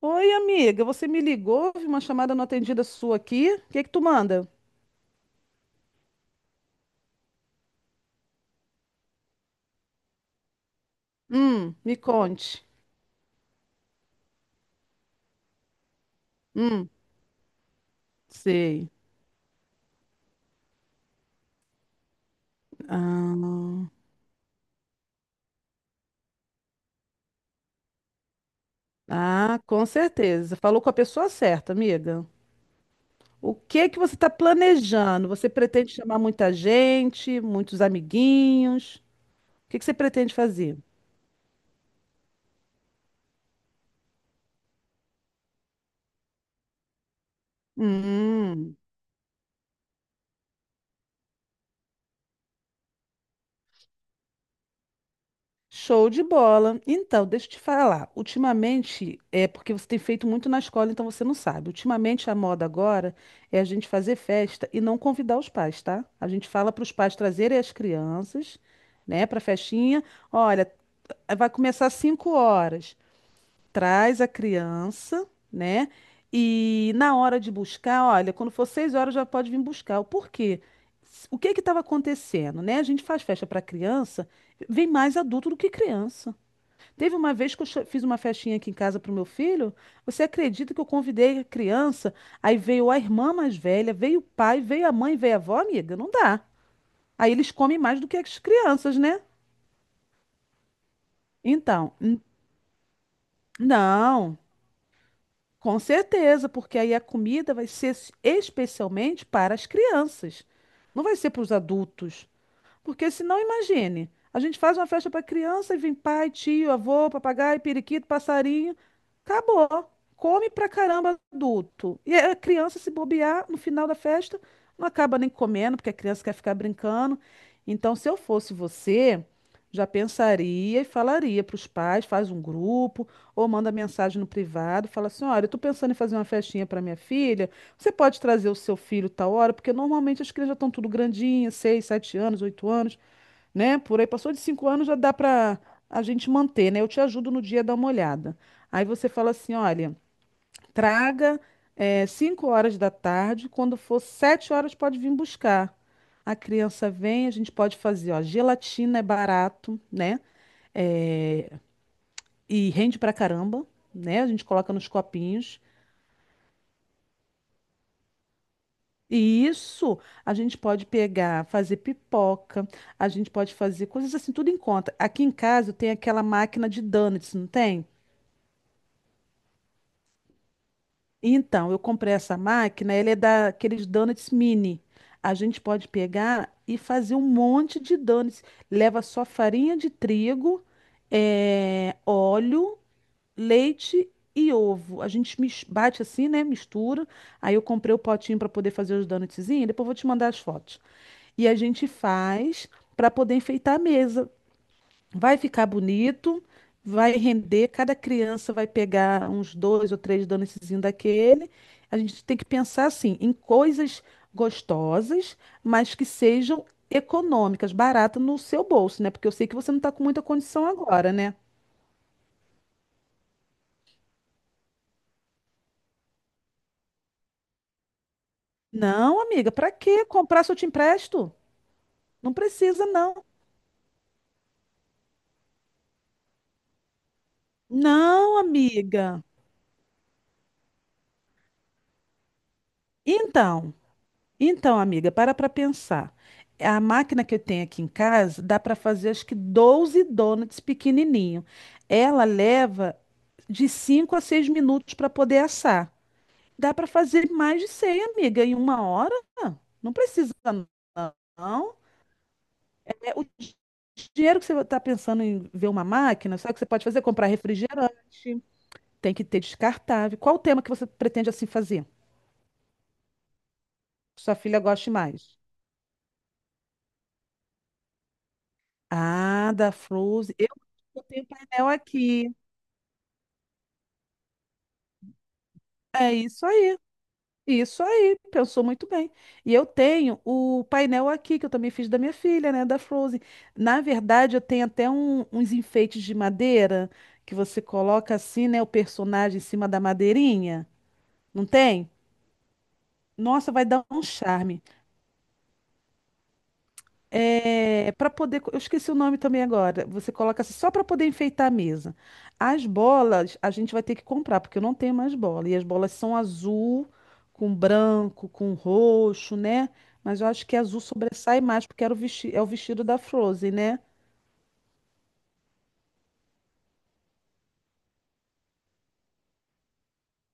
Oi, amiga, você me ligou? Vi uma chamada não atendida sua aqui. O que que tu manda? Me conte. Hum, sei. Ah, ah, com certeza. Falou com a pessoa certa, amiga. O que que você está planejando? Você pretende chamar muita gente, muitos amiguinhos? O que que você pretende fazer? Hum. Show de bola. Então, deixa eu te falar. Ultimamente, é porque você tem feito muito na escola, então você não sabe. Ultimamente, a moda agora é a gente fazer festa e não convidar os pais, tá? A gente fala para os pais trazerem as crianças, né, para festinha. Olha, vai começar às 5 horas. Traz a criança, né? E na hora de buscar, olha, quando for 6 horas já pode vir buscar. O porquê? O que que estava acontecendo, né? A gente faz festa para criança, vem mais adulto do que criança. Teve uma vez que eu fiz uma festinha aqui em casa pro meu filho. Você acredita que eu convidei a criança? Aí veio a irmã mais velha, veio o pai, veio a mãe, veio a avó, amiga? Não dá. Aí eles comem mais do que as crianças, né? Então, não, com certeza, porque aí a comida vai ser especialmente para as crianças. Não vai ser para os adultos. Porque senão, imagine, a gente faz uma festa para criança e vem pai, tio, avô, papagaio, periquito, passarinho. Acabou. Come pra caramba adulto. E a criança, se bobear, no final da festa, não acaba nem comendo, porque a criança quer ficar brincando. Então, se eu fosse você, já pensaria e falaria para os pais, faz um grupo, ou manda mensagem no privado, fala assim: olha, eu tô pensando em fazer uma festinha para minha filha. Você pode trazer o seu filho tal hora, porque normalmente as crianças já estão tudo grandinhas, seis, sete anos, oito anos, né? Por aí passou de cinco anos já dá para a gente manter, né? Eu te ajudo no dia a dar uma olhada. Aí você fala assim, olha, traga cinco horas da tarde, quando for sete horas pode vir buscar. A criança vem, a gente pode fazer, ó, gelatina é barato, né? Eh, e rende pra caramba, né? A gente coloca nos copinhos. E isso, a gente pode pegar, fazer pipoca, a gente pode fazer coisas assim, tudo em conta. Aqui em casa eu tenho aquela máquina de donuts, não tem? Então, eu comprei essa máquina, ela é daqueles donuts mini. A gente pode pegar e fazer um monte de donuts. Leva só farinha de trigo, óleo, leite e ovo. A gente bate assim, né? Mistura. Aí eu comprei o potinho para poder fazer os donutzinhos. Depois eu vou te mandar as fotos. E a gente faz para poder enfeitar a mesa. Vai ficar bonito, vai render, cada criança vai pegar uns dois ou três donutszinhos daquele. A gente tem que pensar assim, em coisas gostosas, mas que sejam econômicas, baratas no seu bolso, né? Porque eu sei que você não está com muita condição agora, né? Não, amiga, para que comprar se eu te empresto? Não precisa, não. Não, amiga. Então, Então, amiga, para pensar. A máquina que eu tenho aqui em casa dá para fazer acho que 12 donuts pequenininho. Ela leva de 5 a 6 minutos para poder assar. Dá para fazer mais de 100, amiga, em uma hora? Não precisa, não. É o dinheiro que você está pensando em ver uma máquina, sabe o que você pode fazer? Comprar refrigerante. Tem que ter descartável. Qual o tema que você pretende assim fazer? Sua filha goste mais? Ah, da Fruze. Eu tenho painel aqui. É isso aí. Isso aí. Pensou muito bem. E eu tenho o painel aqui, que eu também fiz da minha filha, né? Da Frozen. Na verdade, eu tenho até uns enfeites de madeira que você coloca assim, né? O personagem em cima da madeirinha. Não tem? Nossa, vai dar um charme. É, para poder, eu esqueci o nome também agora. Você coloca assim, só para poder enfeitar a mesa. As bolas a gente vai ter que comprar, porque eu não tenho mais bola. E as bolas são azul, com branco, com roxo, né? Mas eu acho que azul sobressai mais, porque era o é o vestido da Frozen, né?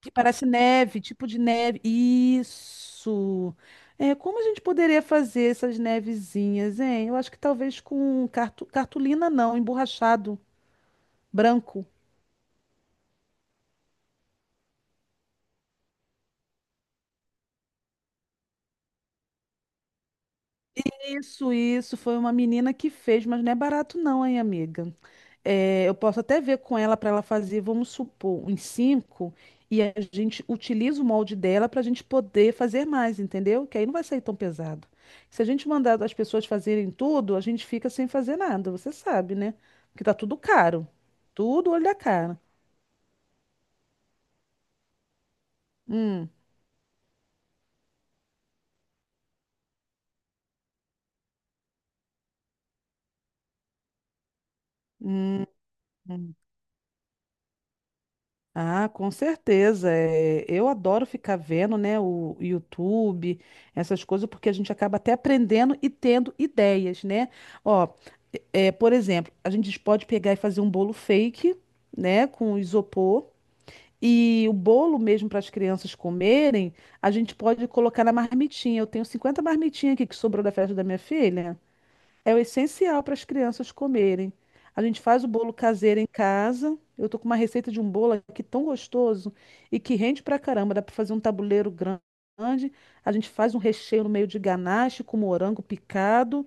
Que parece neve, tipo de neve. Isso! É, como a gente poderia fazer essas nevezinhas, hein? Eu acho que talvez com cartolina, não, emborrachado branco. Isso, foi uma menina que fez, mas não é barato não, hein, amiga? É, eu posso até ver com ela para ela fazer, vamos supor, uns cinco, e a gente utiliza o molde dela para a gente poder fazer mais, entendeu? Que aí não vai sair tão pesado. Se a gente mandar as pessoas fazerem tudo, a gente fica sem fazer nada, você sabe, né? Porque tá tudo caro, tudo olho da cara. Hum. Hum. Ah, com certeza. É, eu adoro ficar vendo, né, o YouTube, essas coisas, porque a gente acaba até aprendendo e tendo ideias, né? Ó, é, por exemplo, a gente pode pegar e fazer um bolo fake, né, com isopor. E o bolo mesmo para as crianças comerem, a gente pode colocar na marmitinha. Eu tenho 50 marmitinhas aqui que sobrou da festa da minha filha. É o essencial para as crianças comerem. A gente faz o bolo caseiro em casa. Eu tô com uma receita de um bolo aqui tão gostoso e que rende pra caramba. Dá para fazer um tabuleiro grande. A gente faz um recheio no meio de ganache com morango picado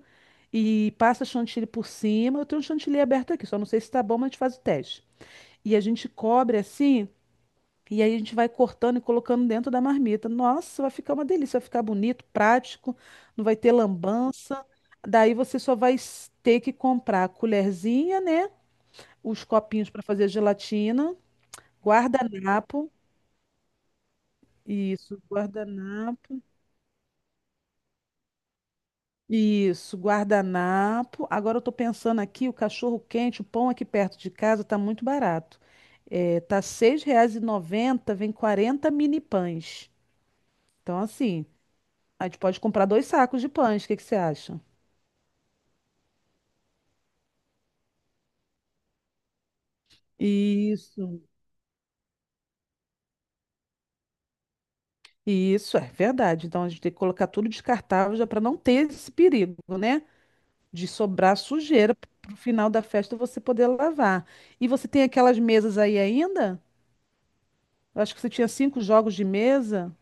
e passa chantilly por cima. Eu tenho um chantilly aberto aqui, só não sei se tá bom, mas a gente faz o teste. E a gente cobre assim. E aí a gente vai cortando e colocando dentro da marmita. Nossa, vai ficar uma delícia, vai ficar bonito, prático, não vai ter lambança. Daí você só vai ter que comprar a colherzinha, né? Os copinhos para fazer gelatina, guardanapo, isso, guardanapo, isso, guardanapo. Agora eu tô pensando aqui, o cachorro quente, o pão aqui perto de casa tá muito barato. É, tá R$ seis reais e noventa vem 40 mini pães. Então, assim. A gente pode comprar dois sacos de pães, o que que você acha? Isso. Isso é verdade. Então a gente tem que colocar tudo descartável já para não ter esse perigo, né? De sobrar sujeira para o final da festa você poder lavar. E você tem aquelas mesas aí ainda? Eu acho que você tinha cinco jogos de mesa.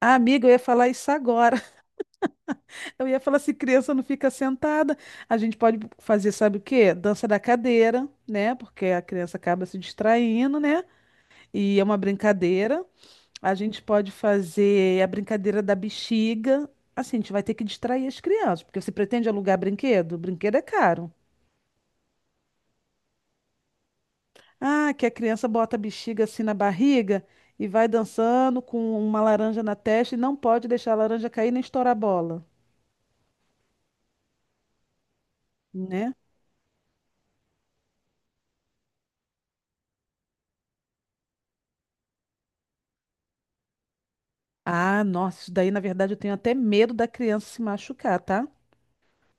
Ah, amiga, eu ia falar isso agora. Eu ia falar se criança não fica sentada. A gente pode fazer, sabe o quê? Dança da cadeira, né? Porque a criança acaba se distraindo, né? E é uma brincadeira. A gente pode fazer a brincadeira da bexiga. Assim, a gente vai ter que distrair as crianças, porque você pretende alugar brinquedo? Brinquedo é caro. Ah, que a criança bota a bexiga assim na barriga e vai dançando com uma laranja na testa e não pode deixar a laranja cair nem estourar a bola, né? Ah, nossa, isso daí na verdade eu tenho até medo da criança se machucar, tá?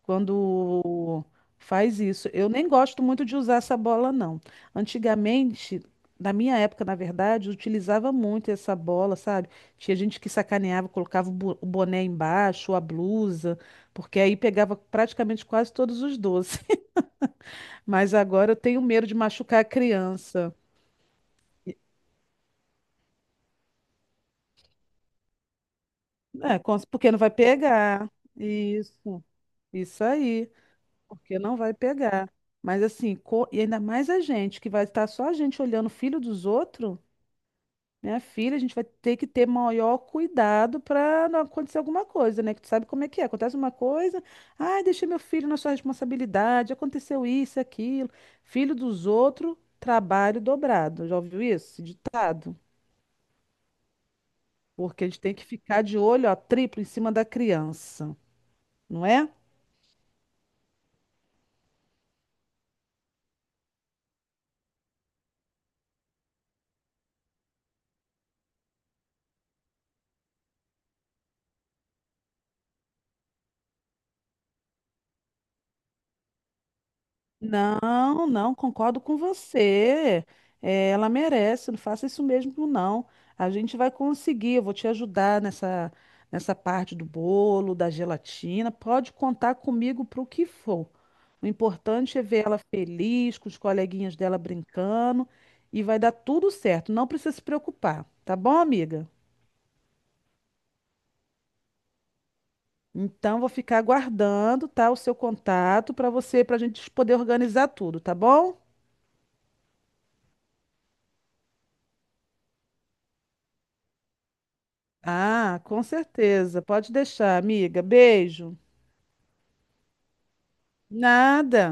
Quando faz isso. Eu nem gosto muito de usar essa bola, não. Antigamente, na minha época, na verdade, eu utilizava muito essa bola, sabe? Tinha gente que sacaneava, colocava o o boné embaixo, a blusa, porque aí pegava praticamente quase todos os doces. Mas agora eu tenho medo de machucar a criança. É, porque não vai pegar. Isso, isso aí, porque não vai pegar. Mas assim, e ainda mais a gente, que vai estar só a gente olhando o filho dos outros. Minha filha, a gente vai ter que ter maior cuidado para não acontecer alguma coisa, né? Que tu sabe como é que é. Acontece uma coisa, ai, deixei meu filho na sua responsabilidade, aconteceu isso, aquilo. Filho dos outros, trabalho dobrado. Já ouviu isso? Esse ditado. Porque a gente tem que ficar de olho, ó, triplo em cima da criança, não é? Não, não, concordo com você. É, ela merece, não faça isso mesmo, não. A gente vai conseguir, eu vou te ajudar nessa parte do bolo, da gelatina. Pode contar comigo para o que for. O importante é ver ela feliz, com os coleguinhas dela brincando, e vai dar tudo certo. Não precisa se preocupar, tá bom, amiga? Então, vou ficar aguardando, tá, o seu contato para você, para a gente poder organizar tudo, tá bom? Ah, com certeza. Pode deixar, amiga. Beijo. Nada.